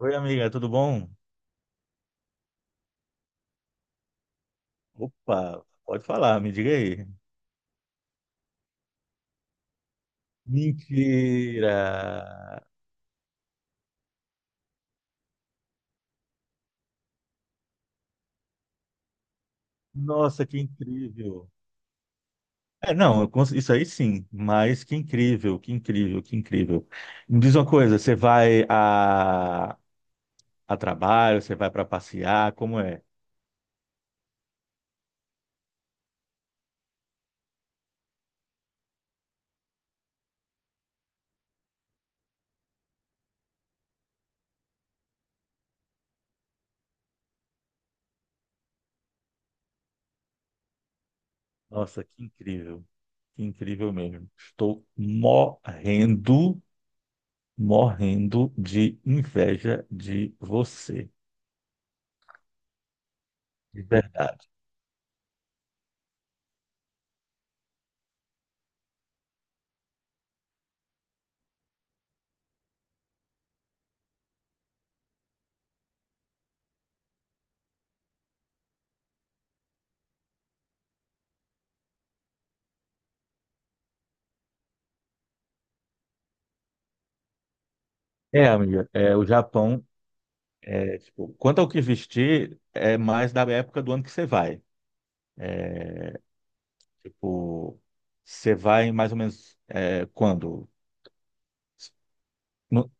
Oi, amiga, tudo bom? Opa, pode falar, me diga aí. Mentira! Nossa, que incrível! Não, isso aí sim, mas que incrível, que incrível, que incrível. Me diz uma coisa, você vai a trabalho, você vai para passear, como é? Nossa, que incrível mesmo. Estou morrendo, morrendo de inveja de você, de verdade. Amiga, o Japão. Tipo, quanto ao que vestir, é mais da época do ano que você vai. Tipo, você vai mais ou menos quando? No,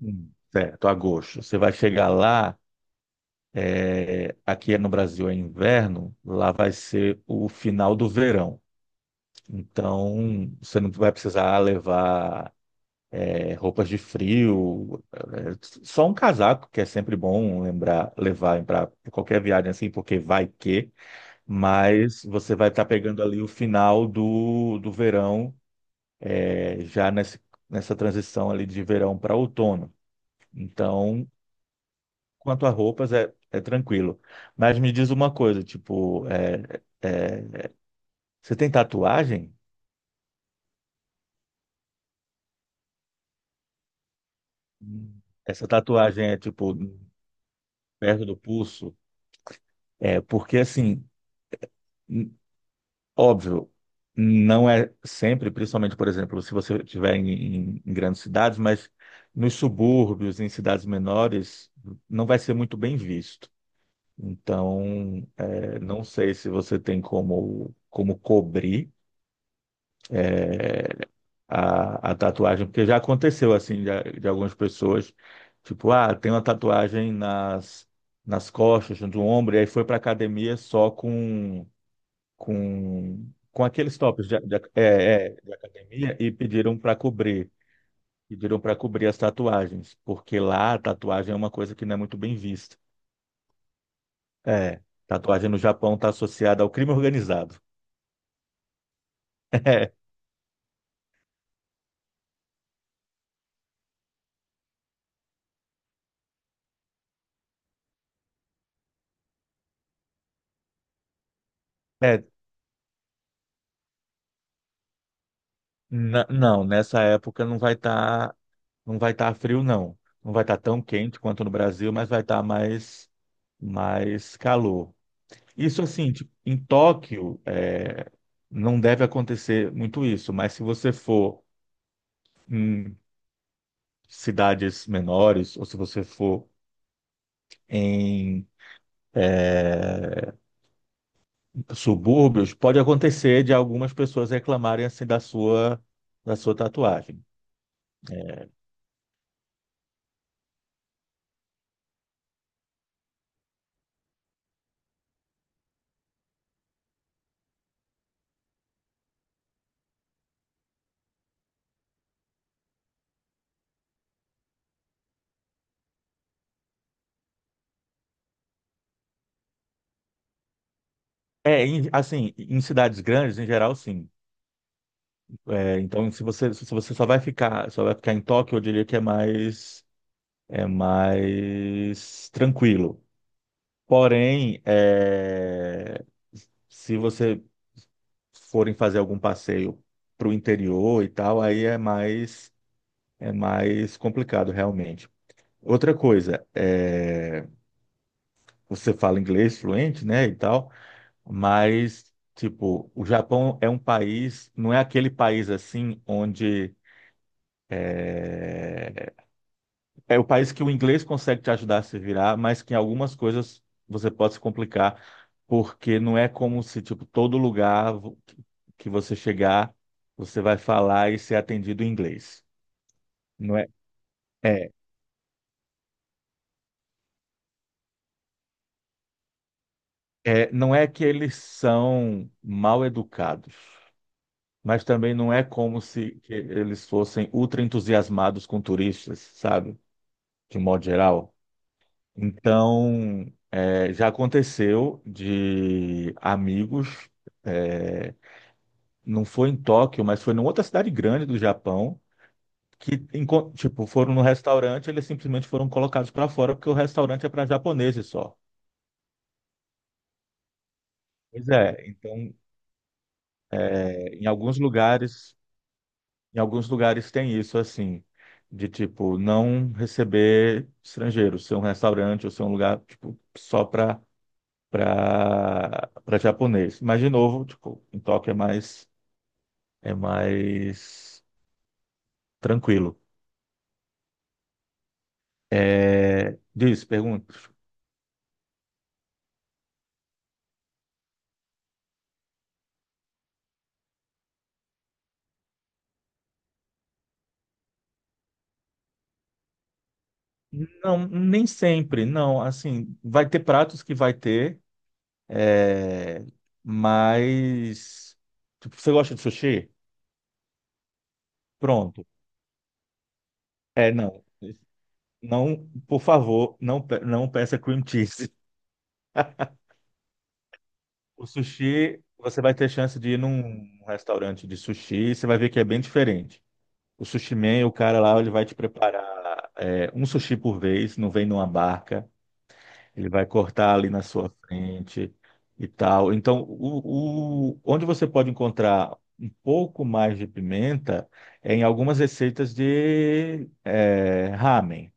certo, agosto. Você vai chegar lá, aqui no Brasil é inverno, lá vai ser o final do verão. Então, você não vai precisar levar roupas de frio, só um casaco, que é sempre bom lembrar, levar para qualquer viagem assim, porque vai que. Mas você vai estar pegando ali o final do verão, é, já nesse, nessa transição ali de verão para outono. Então, quanto a roupas, é tranquilo. Mas me diz uma coisa, tipo, você tem tatuagem? Essa tatuagem é, tipo, perto do pulso? É, porque assim. Óbvio, não é sempre, principalmente, por exemplo, se você estiver em, grandes cidades, mas nos subúrbios, em cidades menores, não vai ser muito bem visto. Então, não sei se você tem como, como cobrir a tatuagem, porque já aconteceu assim de algumas pessoas, tipo, ah, tem uma tatuagem nas costas, do ombro, e aí foi para academia só com aqueles tops de de academia e pediram para cobrir as tatuagens, porque lá a tatuagem é uma coisa que não é muito bem vista. É, tatuagem no Japão está associada ao crime organizado. É, não, nessa época não vai estar, não vai estar frio, não. Não vai estar tão quente quanto no Brasil, mas vai estar mais calor. Isso assim, tipo, em Tóquio, não deve acontecer muito isso, mas se você for cidades menores, ou se você for em é, subúrbios, pode acontecer de algumas pessoas reclamarem assim da sua tatuagem. Assim, em cidades grandes, em geral, sim. É, então, se você só vai ficar em Tóquio, eu diria que é mais tranquilo. Porém, se você forem fazer algum passeio para o interior e tal, aí é mais complicado realmente. Outra coisa, você fala inglês fluente, né, e tal, mas, tipo, o Japão é um país, não é aquele país assim onde é, é o país que o inglês consegue te ajudar a se virar, mas que em algumas coisas você pode se complicar, porque não é como se, tipo, que você chegar, você vai falar e ser atendido em inglês. Não é, é, não é que eles são mal educados, mas também não é como se que eles fossem ultra entusiasmados com turistas, sabe? De modo geral. Então, já aconteceu de amigos, é, não foi em Tóquio, mas foi em outra cidade grande do Japão, que tipo, foram no restaurante, eles simplesmente foram colocados para fora porque o resturante é para japoneses só. Pois é, então é, em alguns lugares em alguns lugares tem isso, assim, de tipo, não receber estrangeiros, ser um restaurante ou ser um lugar, tipo, só para para japonês. Mas, de novo, tipo, em Tóquio é mais tranquilo. É, diz, pergunta. Não, nem sempre, não. Assim, vai ter pratos que vai ter, é, mas. Tipo, você gosta de sushi? Pronto. É, não. Não, por favor, não, não peça cream cheese. O sushi, você vai ter chance de ir num restaurante de sushi, e você vai ver que é bem diferente. O sushi man, o cara lá, ele vai te preparar um sushi por vez, não vem numa barca, ele vai cortar ali na sua frente e tal. Então, onde você pode encontrar um pouco mais de pimenta é em algumas receitas de ramen.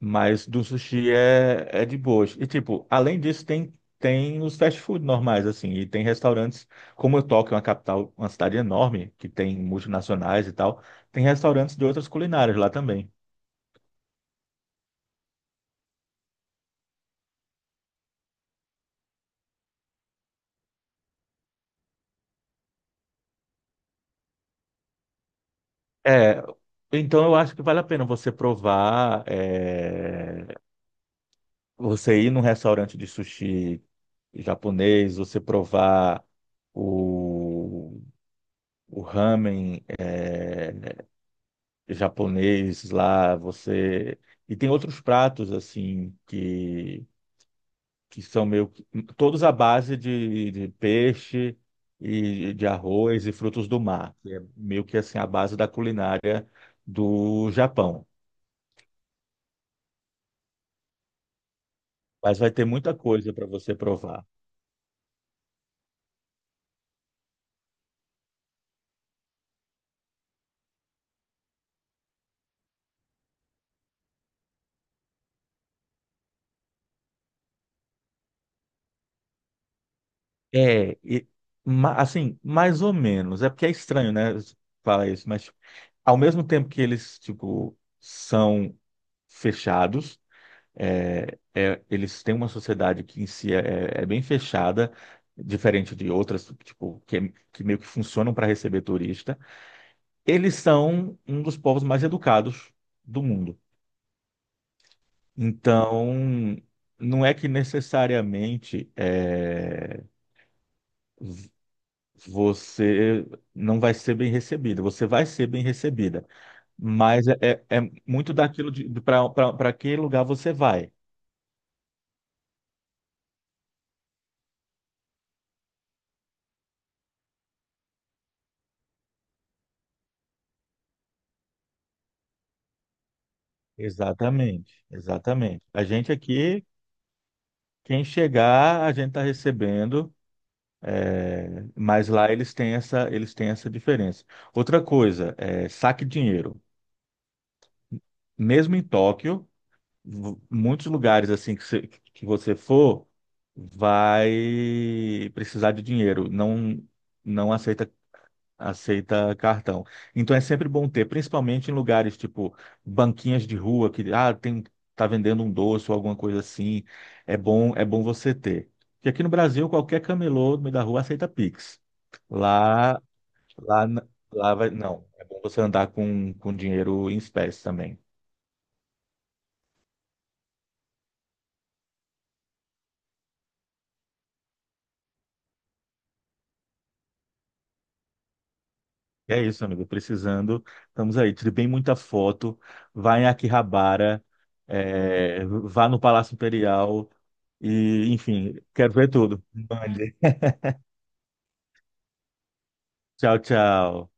Mas do sushi é de boas. E, tipo, além disso, tem, tem os fast food normais, assim. E tem restaurantes, como Tóquio é uma capital, uma cidade enorme, que tem multinacionais e tal, tem restaurantes de outras culinárias lá também. É, então eu acho que vale a pena você provar, você ir num restaurante de sushi japonês, você provar o, o ramen, japonês lá, você. E tem outros pratos, assim, que são meio. Todos à base de peixe e de arroz e frutos do mar, que é meio que assim a base da culinária do Japão. Mas vai ter muita coisa para você provar. É, e, assim, mais ou menos. É porque é estranho, né? Falar isso, mas ao mesmo tempo que eles, tipo, são fechados. Eles têm uma sociedade que em si é bem fechada, diferente de outras, tipo, que meio que funcionam para receber turista. Eles são um dos povos mais educados do mundo. Então, não é que necessariamente v- você não vai ser bem recebido, você vai ser bem recebida, mas é muito daquilo de, para que lugar você vai. Exatamente, exatamente. A gente aqui quem chegar, a gente está recebendo, mas lá eles têm essa diferença. Outra coisa, saque dinheiro. Mesmo em Tóquio, muitos lugares assim que você for, vai precisar de dinheiro. Não, não aceita. Aceita cartão. Então é sempre bom ter, principalmente em lugares tipo banquinhas de rua que ah, tem tá vendendo um doce ou alguma coisa assim. É bom você ter. Porque aqui no Brasil qualquer camelô no meio da rua aceita Pix. Lá, lá, lá vai, não. É bom você andar com dinheiro em espécie também. E é isso, amigo. Precisando, estamos aí. Tire bem muita foto. Vá em Akihabara, vá no Palácio Imperial e, enfim, quero ver tudo. Mande. Tchau, tchau.